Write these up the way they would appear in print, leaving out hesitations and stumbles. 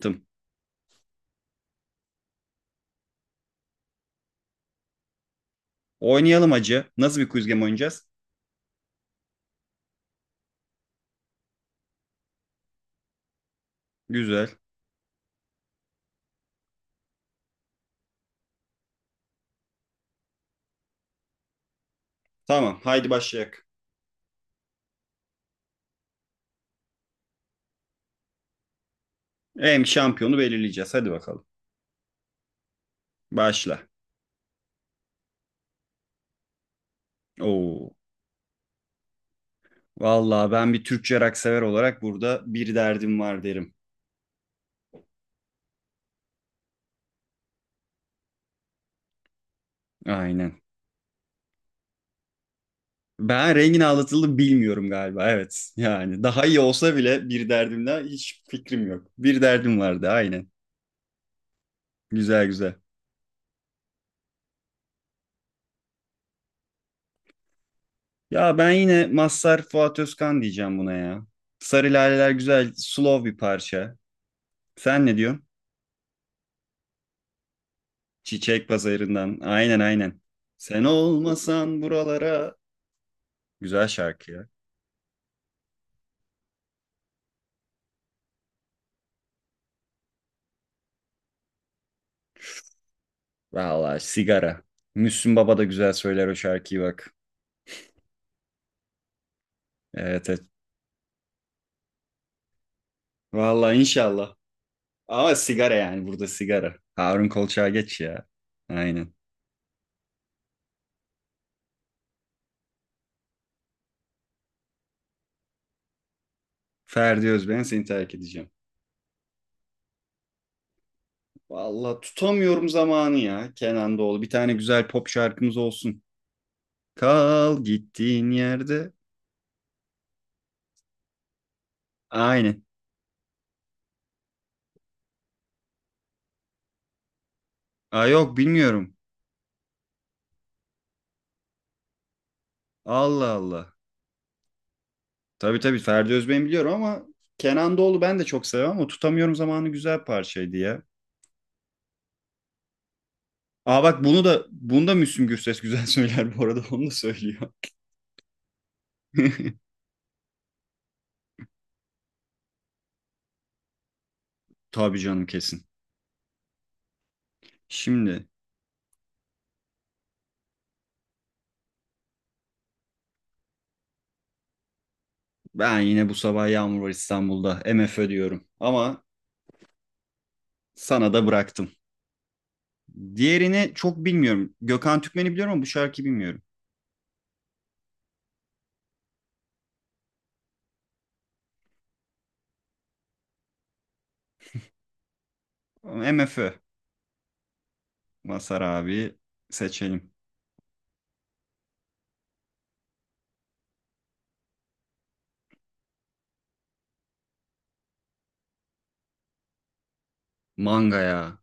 Tım. Oynayalım acı. Nasıl bir quiz game oynayacağız? Güzel. Tamam, haydi başlayalım. Hem şampiyonu belirleyeceğiz. Hadi bakalım. Başla. Oo. Vallahi ben bir Türkçe rock sever olarak burada bir derdim var derim. Aynen. Ben Rengin Ağlatıl'ı bilmiyorum galiba. Evet. Yani daha iyi olsa bile bir derdimle hiç fikrim yok. Bir derdim vardı. Aynen. Güzel güzel. Ya ben yine Mazhar Fuat Özkan diyeceğim buna ya. Sarı Laleler güzel, slow bir parça. Sen ne diyorsun? Çiçek Pazarı'ndan. Aynen aynen. Sen olmasan buralara. Güzel şarkı ya. Vallahi sigara. Müslüm Baba da güzel söyler o şarkıyı bak. Evet evet. Vallahi inşallah. Ama sigara yani burada sigara. Harun Kolçak'a geç ya. Aynen. Ferdi Özben seni terk edeceğim. Vallahi tutamıyorum zamanı ya Kenan Doğulu. Bir tane güzel pop şarkımız olsun. Kal gittiğin yerde. Aynen. Aa, yok bilmiyorum. Allah Allah. Tabii tabii Ferdi Özbey'i biliyorum ama Kenan Doğulu ben de çok seviyorum ama Tutamıyorum Zamanı güzel parçaydı ya. Aa, bak bunu da bunu da Müslüm Gürses güzel söyler bu arada onu da söylüyor. Tabii canım kesin. Şimdi ben yine bu sabah Yağmur Var İstanbul'da M F Ö diyorum ama sana da bıraktım. Diğerini çok bilmiyorum. Gökhan Türkmen'i biliyorum ama bu şarkıyı bilmiyorum. Ama M F Ö Masar abi seçelim. Manga ya.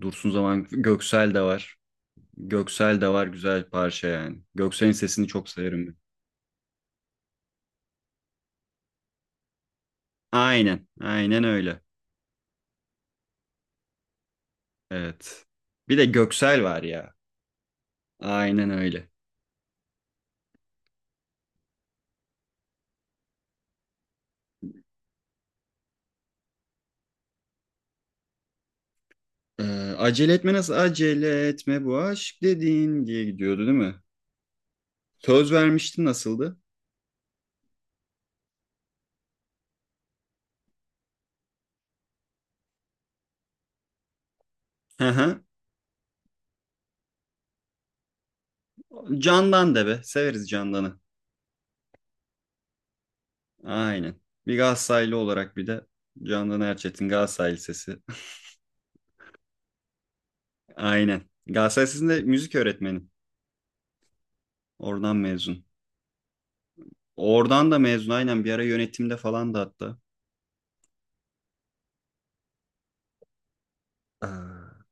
Dursun Zaman Göksel de var. Göksel de var güzel parça yani. Göksel'in sesini çok severim ben. Aynen. Aynen öyle. Evet. Bir de Göksel var ya. Aynen öyle. Ee, acele etme nasıl? Acele etme bu aşk dediğin diye gidiyordu değil mi? Söz vermiştin nasıldı? Hı hı. Candan de be. Severiz Candan'ı. Aynen. Bir Galatasaraylı olarak bir de Candan Erçetin Galatasaraylı sesi. Aynen. Galatasaray Lisesi'nde müzik öğretmeni. Oradan mezun. Oradan da mezun aynen bir ara yönetimde falan da hatta. Aa.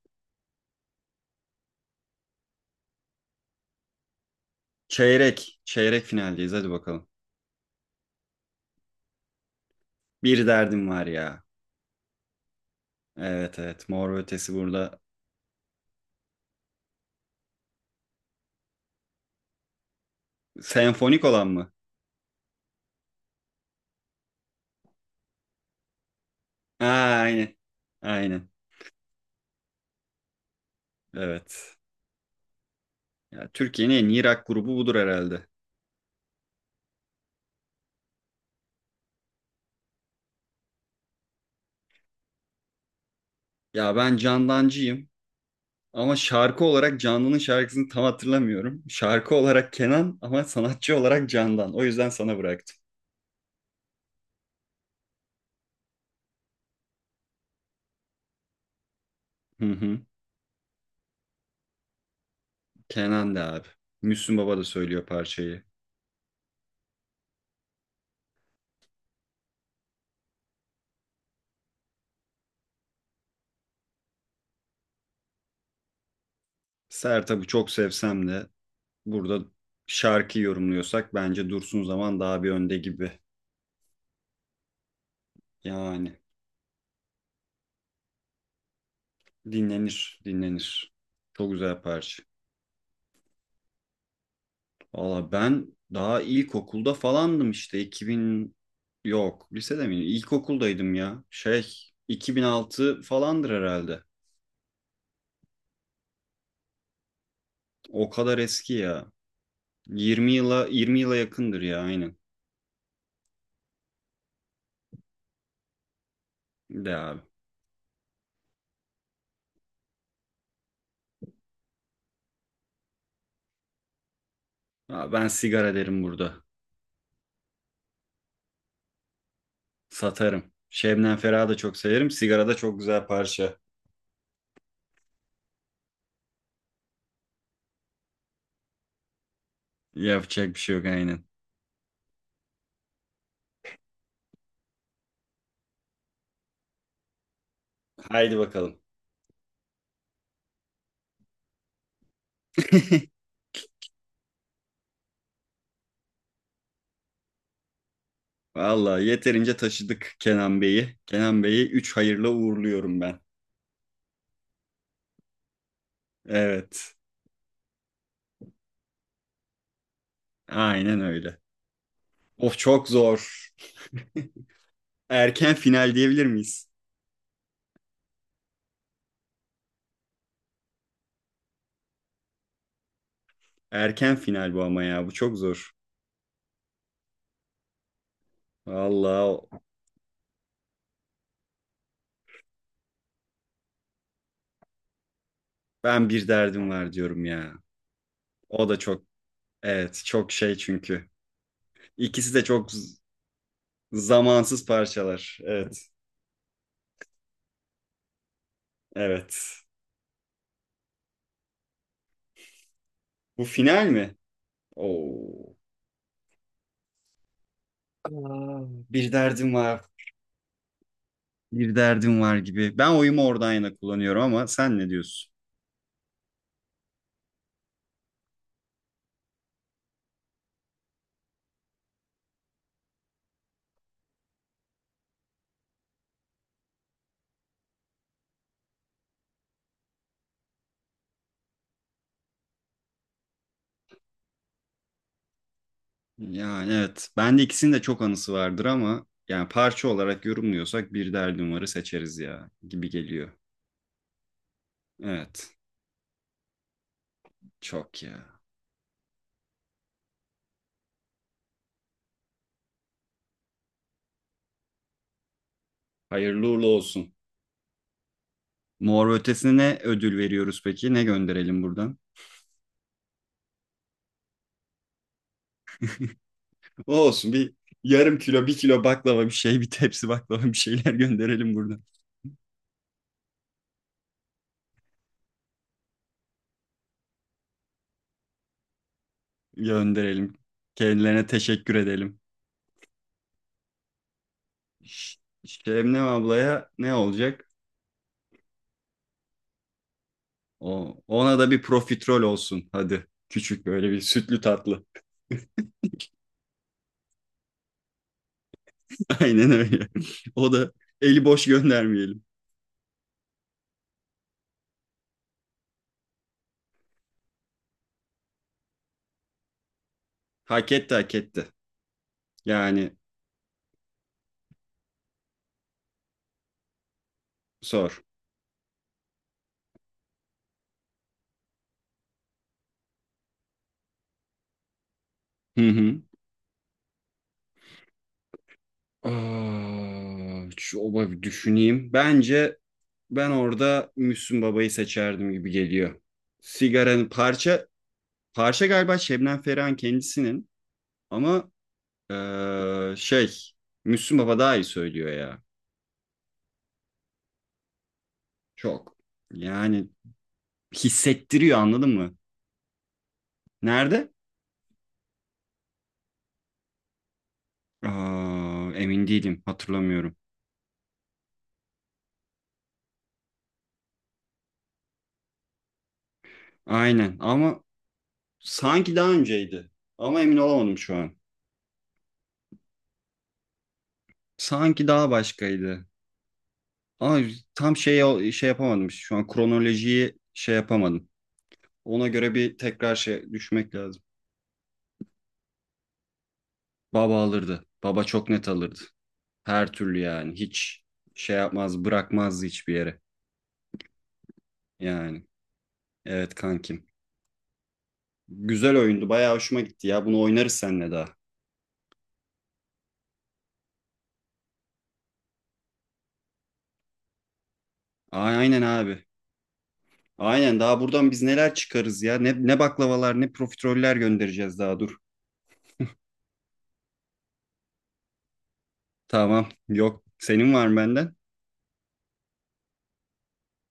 Çeyrek. Çeyrek finaldeyiz. Hadi bakalım. Bir derdim var ya. Evet evet. Mor ve Ötesi burada. Senfonik olan mı? Aa, aynen. Aynen. Evet. Ya, Türkiye'nin en iyi rock grubu budur herhalde. Ya ben Candancıyım. Ama şarkı olarak Canlı'nın şarkısını tam hatırlamıyorum. Şarkı olarak Kenan ama sanatçı olarak Candan. O yüzden sana bıraktım. Hı hı. Kenan da abi. Müslüm Baba da söylüyor parçayı. Sertab'ı çok sevsem de burada şarkı yorumluyorsak bence Dursun Zaman daha bir önde gibi. Yani dinlenir, dinlenir. Çok güzel parça. Valla ben daha ilkokulda falandım işte 2000, yok lisede miydim? İlkokuldaydım ya. 2006 falandır herhalde. O kadar eski ya. 20 yıla 20 yıla yakındır ya aynen. De abi. Aa, ben sigara derim burada. Satarım. Şebnem Ferah'ı da çok severim. Sigara da çok güzel parça. Yapacak bir şey yok aynen. Haydi bakalım. Vallahi yeterince taşıdık Kenan Bey'i. Kenan Bey'i 3 hayırla uğurluyorum ben. Evet. Aynen öyle. Of, çok zor. Erken final diyebilir miyiz? Erken final bu ama ya. Bu çok zor. Vallahi ben bir derdim var diyorum ya. O da çok evet çok şey çünkü. İkisi de çok zamansız parçalar. Evet. Evet. Bu final mi? Oo. Aa. Bir derdim var. Bir derdim var gibi. Ben oyumu oradan yana kullanıyorum ama sen ne diyorsun? Yani evet. Bende ikisinin de çok anısı vardır ama yani parça olarak yorumluyorsak bir derdim varı seçeriz ya gibi geliyor. Evet. Çok ya. Hayırlı uğurlu olsun. Mor ve ötesine ne ödül veriyoruz peki? Ne gönderelim buradan? O olsun bir yarım kilo, bir kilo baklava bir şey, bir tepsi baklava bir şeyler gönderelim buradan. Gönderelim. Kendilerine teşekkür edelim. Ş- Şebnem ablaya ne olacak? Ona da bir profiterol olsun hadi. Küçük böyle bir sütlü tatlı. Aynen öyle. O da eli boş göndermeyelim. Hak etti hak etti. Yani sor. Hı hı. Aa, oba bir düşüneyim. Bence ben orada Müslüm Baba'yı seçerdim gibi geliyor. Sigaranın parça galiba Şebnem Ferah'ın kendisinin ama eee, şey Müslüm Baba daha iyi söylüyor ya. Çok. Yani hissettiriyor anladın mı? Nerede? Aa, emin değilim hatırlamıyorum. Aynen ama sanki daha önceydi. Ama emin olamadım şu an. Sanki daha başkaydı. Ama tam şey yapamadım. İşte, şu an kronolojiyi şey yapamadım. Ona göre bir tekrar şey düşmek lazım. Baba alırdı. Baba çok net alırdı. Her türlü yani. Hiç şey yapmaz, bırakmazdı hiçbir yere. Yani. Evet kankim. Güzel oyundu. Bayağı hoşuma gitti ya. Bunu oynarız seninle daha. Aa, aynen abi. Aynen daha buradan biz neler çıkarız ya. Ne baklavalar ne profiteroller göndereceğiz daha dur. Tamam yok. Senin var mı benden?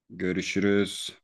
Görüşürüz.